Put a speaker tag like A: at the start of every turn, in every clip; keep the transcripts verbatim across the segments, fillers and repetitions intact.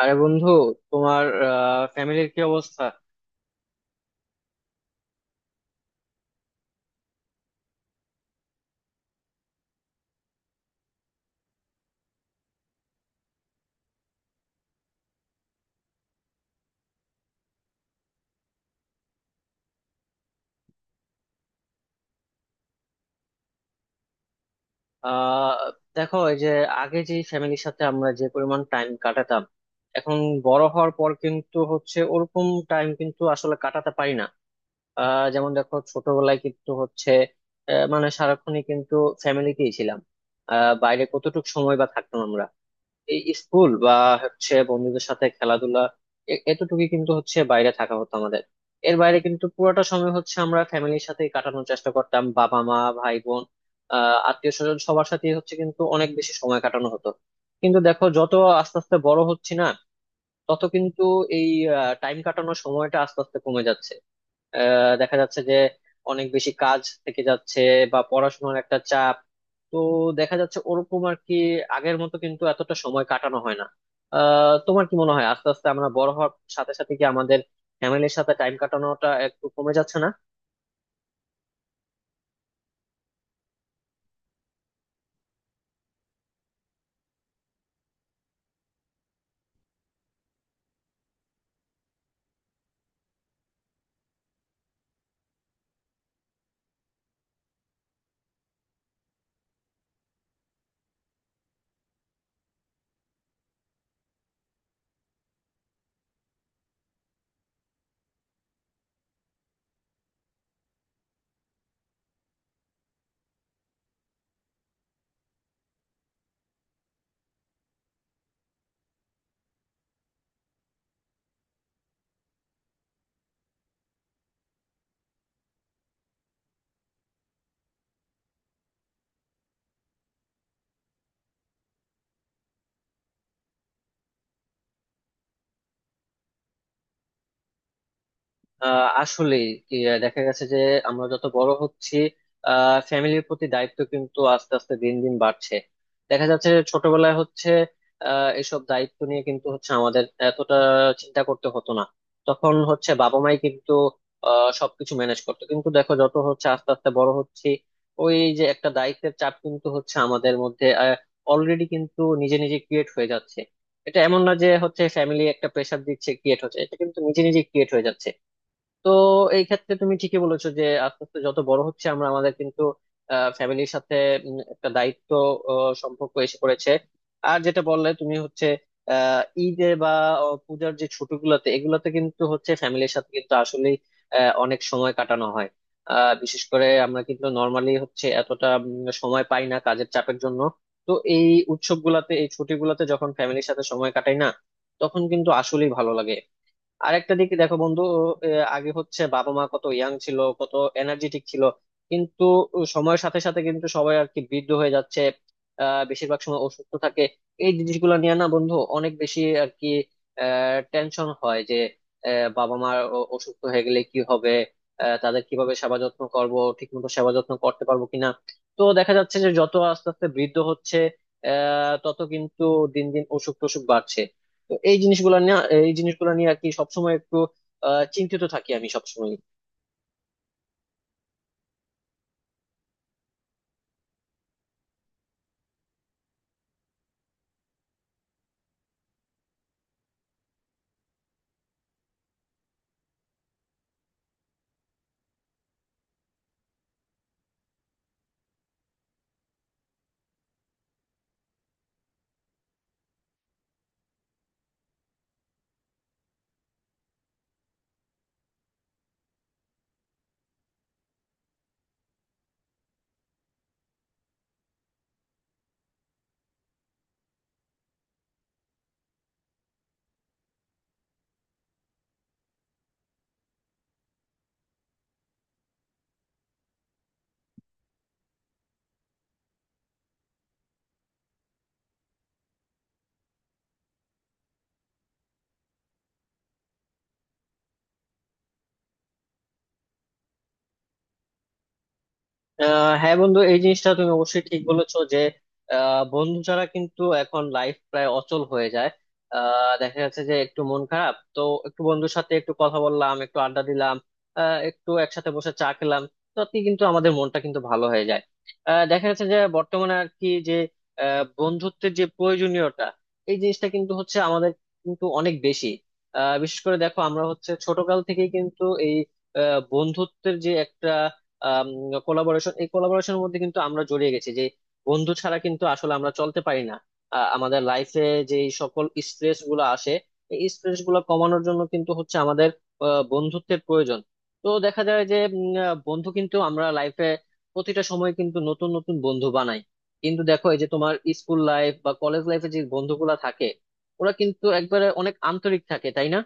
A: আরে বন্ধু, তোমার ফ্যামিলির কি অবস্থা? আহ দেখো, এই যে আগে যে ফ্যামিলির সাথে আমরা যে পরিমাণ টাইম কাটাতাম, এখন বড় হওয়ার পর কিন্তু হচ্ছে ওরকম টাইম কিন্তু আসলে কাটাতে পারি না। আহ যেমন দেখো, ছোটবেলায় কিন্তু হচ্ছে আহ, মানে সারাক্ষণই কিন্তু ফ্যামিলিতেই ছিলাম। আহ বাইরে কতটুকু সময় বা থাকতাম আমরা, এই স্কুল বা হচ্ছে বন্ধুদের সাথে খেলাধুলা, এ- এতটুকুই কিন্তু হচ্ছে বাইরে থাকা হতো আমাদের। এর বাইরে কিন্তু পুরোটা সময় হচ্ছে আমরা ফ্যামিলির সাথে কাটানোর চেষ্টা করতাম, বাবা মা ভাই বোন আহ আত্মীয় স্বজন সবার সাথে হচ্ছে কিন্তু অনেক বেশি সময় কাটানো হতো। কিন্তু দেখো, যত আস্তে আস্তে বড় হচ্ছি না, তত কিন্তু এই টাইম কাটানোর সময়টা আস্তে আস্তে কমে যাচ্ছে। আহ দেখা যাচ্ছে যে অনেক বেশি কাজ থেকে যাচ্ছে, বা পড়াশোনার একটা চাপ, তো দেখা যাচ্ছে ওরকম আর কি, আগের মতো কিন্তু এতটা সময় কাটানো হয় না। আহ তোমার কি মনে হয়, আস্তে আস্তে আমরা বড় হওয়ার সাথে সাথে কি আমাদের ফ্যামিলির সাথে টাইম কাটানোটা একটু কমে যাচ্ছে না? আহ আসলে কি, আহ, দেখা গেছে যে আমরা যত বড় হচ্ছি, আহ ফ্যামিলির প্রতি দায়িত্ব কিন্তু আস্তে আস্তে দিন দিন বাড়ছে। দেখা যাচ্ছে যে ছোটবেলায় হচ্ছে আহ এসব দায়িত্ব নিয়ে কিন্তু হচ্ছে আমাদের এতটা চিন্তা করতে হতো না। তখন হচ্ছে বাবা মাই কিন্তু আহ সবকিছু ম্যানেজ করতো। কিন্তু দেখো, যত হচ্ছে আস্তে আস্তে বড় হচ্ছি, ওই যে একটা দায়িত্বের চাপ কিন্তু হচ্ছে আমাদের মধ্যে অলরেডি কিন্তু নিজে নিজে ক্রিয়েট হয়ে যাচ্ছে। এটা এমন না যে হচ্ছে ফ্যামিলি একটা প্রেশার দিচ্ছে ক্রিয়েট হচ্ছে, এটা কিন্তু নিজে নিজে ক্রিয়েট হয়ে যাচ্ছে। তো এই ক্ষেত্রে তুমি ঠিকই বলেছো যে আস্তে আস্তে যত বড় হচ্ছে আমরা, আমাদের কিন্তু ফ্যামিলির সাথে উম, একটা দায়িত্ব আহ, সম্পর্ক এসে পড়েছে। আর যেটা বললে তুমি হচ্ছে আহ ঈদে বা আহ, পূজার যে ছুটিগুলোতে, এগুলোতে কিন্তু হচ্ছে ফ্যামিলির সাথে কিন্তু আসলে অনেক সময় কাটানো হয়। আহ বিশেষ করে আমরা কিন্তু নর্মালি হচ্ছে এতটা উম, সময় পাই না কাজের চাপের জন্য। তো এই উৎসবগুলাতে, এই ছুটিগুলোতে যখন ফ্যামিলির সাথে সময় কাটাই না, তখন কিন্তু আসলেই ভালো লাগে। আরেকটা দিক দেখো বন্ধু, আহ, আগে হচ্ছে বাবা মা কত ইয়াং ছিল, কত এনার্জেটিক ছিল, কিন্তু সময়ের সাথে সাথে কিন্তু সবাই আর কি বৃদ্ধ হয়ে যাচ্ছে। আহ বেশিরভাগ সময় অসুস্থ থাকে। এই জিনিসগুলো নিয়ে না বন্ধু, অনেক বেশি আর কি আহ টেনশন হয় যে আহ, বাবা মা অ- অসুস্থ হয়ে গেলে কি হবে, আহ, তাদের কিভাবে সেবা যত্ন করবো, ঠিক মতো সেবা যত্ন করতে পারবো কিনা। তো দেখা যাচ্ছে যে যত আস্তে আস্তে বৃদ্ধ হচ্ছে, আহ তত কিন্তু দিন দিন অসুখ টসুখ বাড়ছে। তো এই জিনিসগুলো নিয়ে, এই জিনিসগুলো নিয়ে আর কি সবসময় একটু আহ চিন্তিত থাকি আমি সবসময়। আহ হ্যাঁ বন্ধু, এই জিনিসটা তুমি অবশ্যই ঠিক বলেছো যে আহ, বন্ধু ছাড়া কিন্তু এখন লাইফ প্রায় অচল হয়ে যায়। আহ, দেখা যাচ্ছে যে একটু মন খারাপ তো একটু বন্ধুর সাথে একটু কথা বললাম, একটু আড্ডা দিলাম, আহ, একটু একসাথে বসে চা খেলাম, তাতে কিন্তু আমাদের মনটা কিন্তু ভালো হয়ে যায়। আহ, দেখা যাচ্ছে যে বর্তমানে আর কি যে আহ, বন্ধুত্বের যে প্রয়োজনীয়তা, এই জিনিসটা কিন্তু হচ্ছে আমাদের কিন্তু অনেক বেশি। আহ, বিশেষ করে দেখো, আমরা হচ্ছে ছোটকাল থেকেই কিন্তু এই আহ, বন্ধুত্বের যে একটা কোলাবোরেশন, এই কোলাবোরেশনের মধ্যে কিন্তু আমরা জড়িয়ে গেছি যে বন্ধু ছাড়া কিন্তু আসলে আমরা চলতে পারি না। আহ, আমাদের লাইফে যে সকল স্ট্রেস গুলো আসে, এই স্ট্রেস গুলো কমানোর জন্য কিন্তু হচ্ছে আমাদের আহ, বন্ধুত্বের প্রয়োজন। তো দেখা যায় যে উম, আহ, বন্ধু কিন্তু আমরা লাইফে প্রতিটা সময় কিন্তু নতুন নতুন বন্ধু বানাই। কিন্তু দেখো, এই যে তোমার স্কুল লাইফ বা কলেজ লাইফে যে বন্ধুগুলা থাকে, ওরা কিন্তু একবারে অনেক আন্তরিক থাকে, তাই না?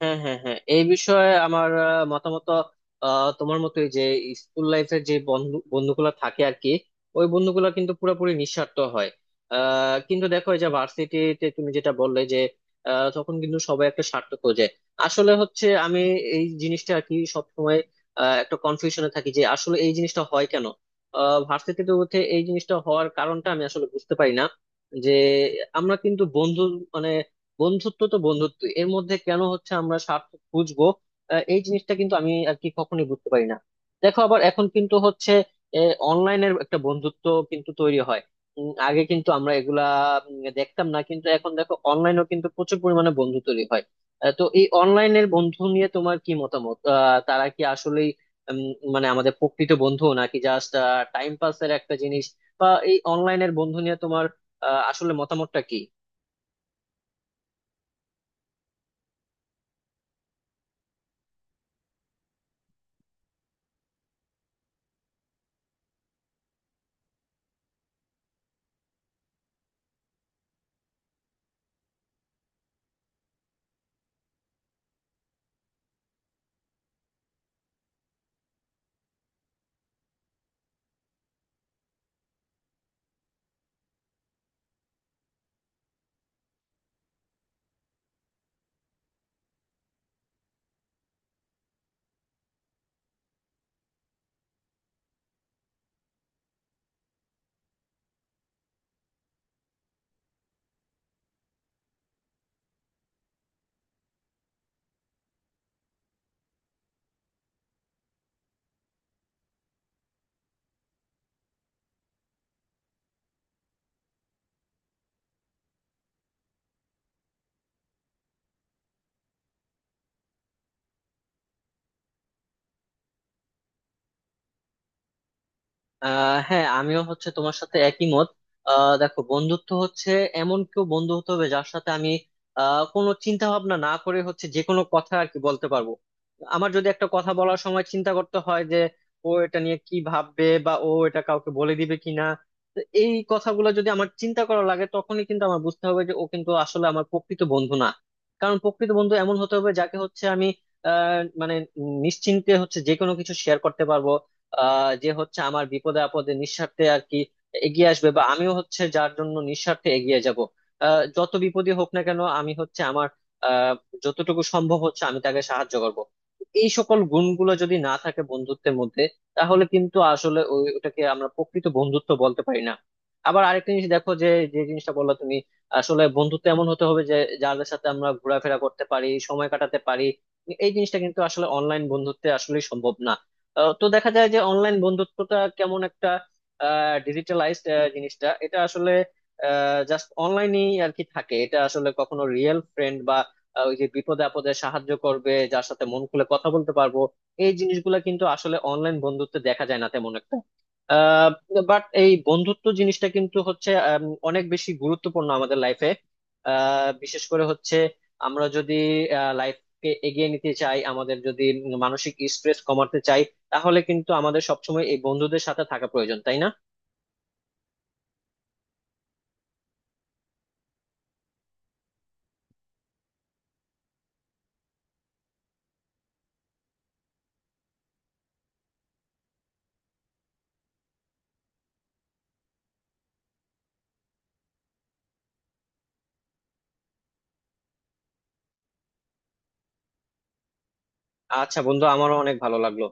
A: হ্যাঁ, হ্যাঁ, হ্যাঁ, এই বিষয়ে আমার আহ, মতামত আহ, তোমার মতোই যে স্কুল লাইফের যে বন্ধু বন্ধুগুলো থাকে আর কি, ওই বন্ধুগুলো কিন্তু পুরোপুরি নিঃস্বার্থ হয়। আহ, কিন্তু দেখো, এই যে ভার্সিটিতে তুমি যেটা বললে যে আহ, তখন কিন্তু সবাই একটা স্বার্থ খোঁজে। আসলে হচ্ছে আমি এই জিনিসটা আর কি সবসময় আহ, একটা কনফিউশনে থাকি যে আসলে এই জিনিসটা হয় কেন, ভার্সিটিতে উঠে এই জিনিসটা হওয়ার কারণটা আমি আসলে বুঝতে পারি না। যে আমরা কিন্তু বন্ধু, মানে বন্ধুত্ব, তো বন্ধুত্ব এর মধ্যে কেন হচ্ছে আমরা স্বার্থ খুঁজবো? আহ, এই জিনিসটা কিন্তু আমি আর কি কখনোই বুঝতে পারি না। দেখো, আবার এখন কিন্তু হচ্ছে অনলাইনের একটা বন্ধুত্ব কিন্তু তৈরি হয়। উম, আগে কিন্তু আমরা এগুলা উম, দেখতাম না, কিন্তু এখন দেখো অনলাইনেও কিন্তু প্রচুর পরিমাণে বন্ধু তৈরি হয়। আহ, তো এই অনলাইনের বন্ধু নিয়ে তোমার কি মতামত? আহ, তারা কি আসলেই উম, মানে আমাদের প্রকৃত বন্ধু, নাকি জাস্ট টাইম পাসের একটা জিনিস, বা এই অনলাইনের বন্ধু নিয়ে তোমার আহ, আসলে মতামতটা কি? আহ হ্যাঁ, আমিও হচ্ছে তোমার সাথে একই মত। আহ দেখো, বন্ধুত্ব হচ্ছে এমন কেউ বন্ধু হতে হবে যার সাথে আমি আহ কোনো চিন্তা ভাবনা না করে হচ্ছে যে কোনো কথা আর কি বলতে পারবো। আমার যদি একটা কথা বলার সময় চিন্তা করতে হয় যে ও এটা নিয়ে কি ভাববে, বা ও এটা কাউকে বলে দিবে কিনা, তো এই কথাগুলো যদি আমার চিন্তা করা লাগে, তখনই কিন্তু আমার বুঝতে হবে যে ও কিন্তু আসলে আমার প্রকৃত বন্ধু না। কারণ প্রকৃত বন্ধু এমন হতে হবে যাকে হচ্ছে আমি আহ মানে নিশ্চিন্তে হচ্ছে যে কোনো কিছু শেয়ার করতে পারবো, আহ যে হচ্ছে আমার বিপদে আপদে নিঃস্বার্থে আর কি এগিয়ে আসবে, বা আমিও হচ্ছে যার জন্য নিঃস্বার্থে এগিয়ে যাব। আহ যত বিপদই হোক না কেন, আমি হচ্ছে আমার আহ যতটুকু সম্ভব হচ্ছে আমি তাকে সাহায্য করব। এই সকল গুণগুলো যদি না থাকে বন্ধুত্বের মধ্যে, তাহলে কিন্তু আসলে ওই ওটাকে আমরা প্রকৃত বন্ধুত্ব বলতে পারি না। আবার আরেকটা জিনিস দেখো, যে যে জিনিসটা বললা তুমি, আসলে বন্ধুত্ব এমন হতে হবে যে যাদের সাথে আমরা ঘোরাফেরা করতে পারি, সময় কাটাতে পারি, এই জিনিসটা কিন্তু আসলে অনলাইন বন্ধুত্বে আসলে সম্ভব না। আহ, তো দেখা যায় যে অনলাইন বন্ধুত্বটা কেমন একটা ডিজিটালাইজড জিনিসটা, এটা আসলে জাস্ট অনলাইনেই আর কি থাকে। এটা আসলে কখনো রিয়েল ফ্রেন্ড বা আহ, ওই যে বিপদে আপদে সাহায্য করবে, যার সাথে মন খুলে কথা বলতে পারবো, এই জিনিসগুলো কিন্তু আসলে অনলাইন বন্ধুত্বে দেখা যায় না তেমন একটা। বাট এই বন্ধুত্ব জিনিসটা কিন্তু হচ্ছে আম, অনেক বেশি গুরুত্বপূর্ণ আমাদের লাইফে। বিশেষ করে হচ্ছে আমরা যদি লাইফকে এগিয়ে নিতে চাই, আমাদের যদি উম, মানসিক স্ট্রেস কমাতে চাই, তাহলে কিন্তু আমাদের সবসময় এই বন্ধুদের সাথে থাকা প্রয়োজন, তাই না? আচ্ছা বন্ধু, আমারও অনেক ভালো লাগলো।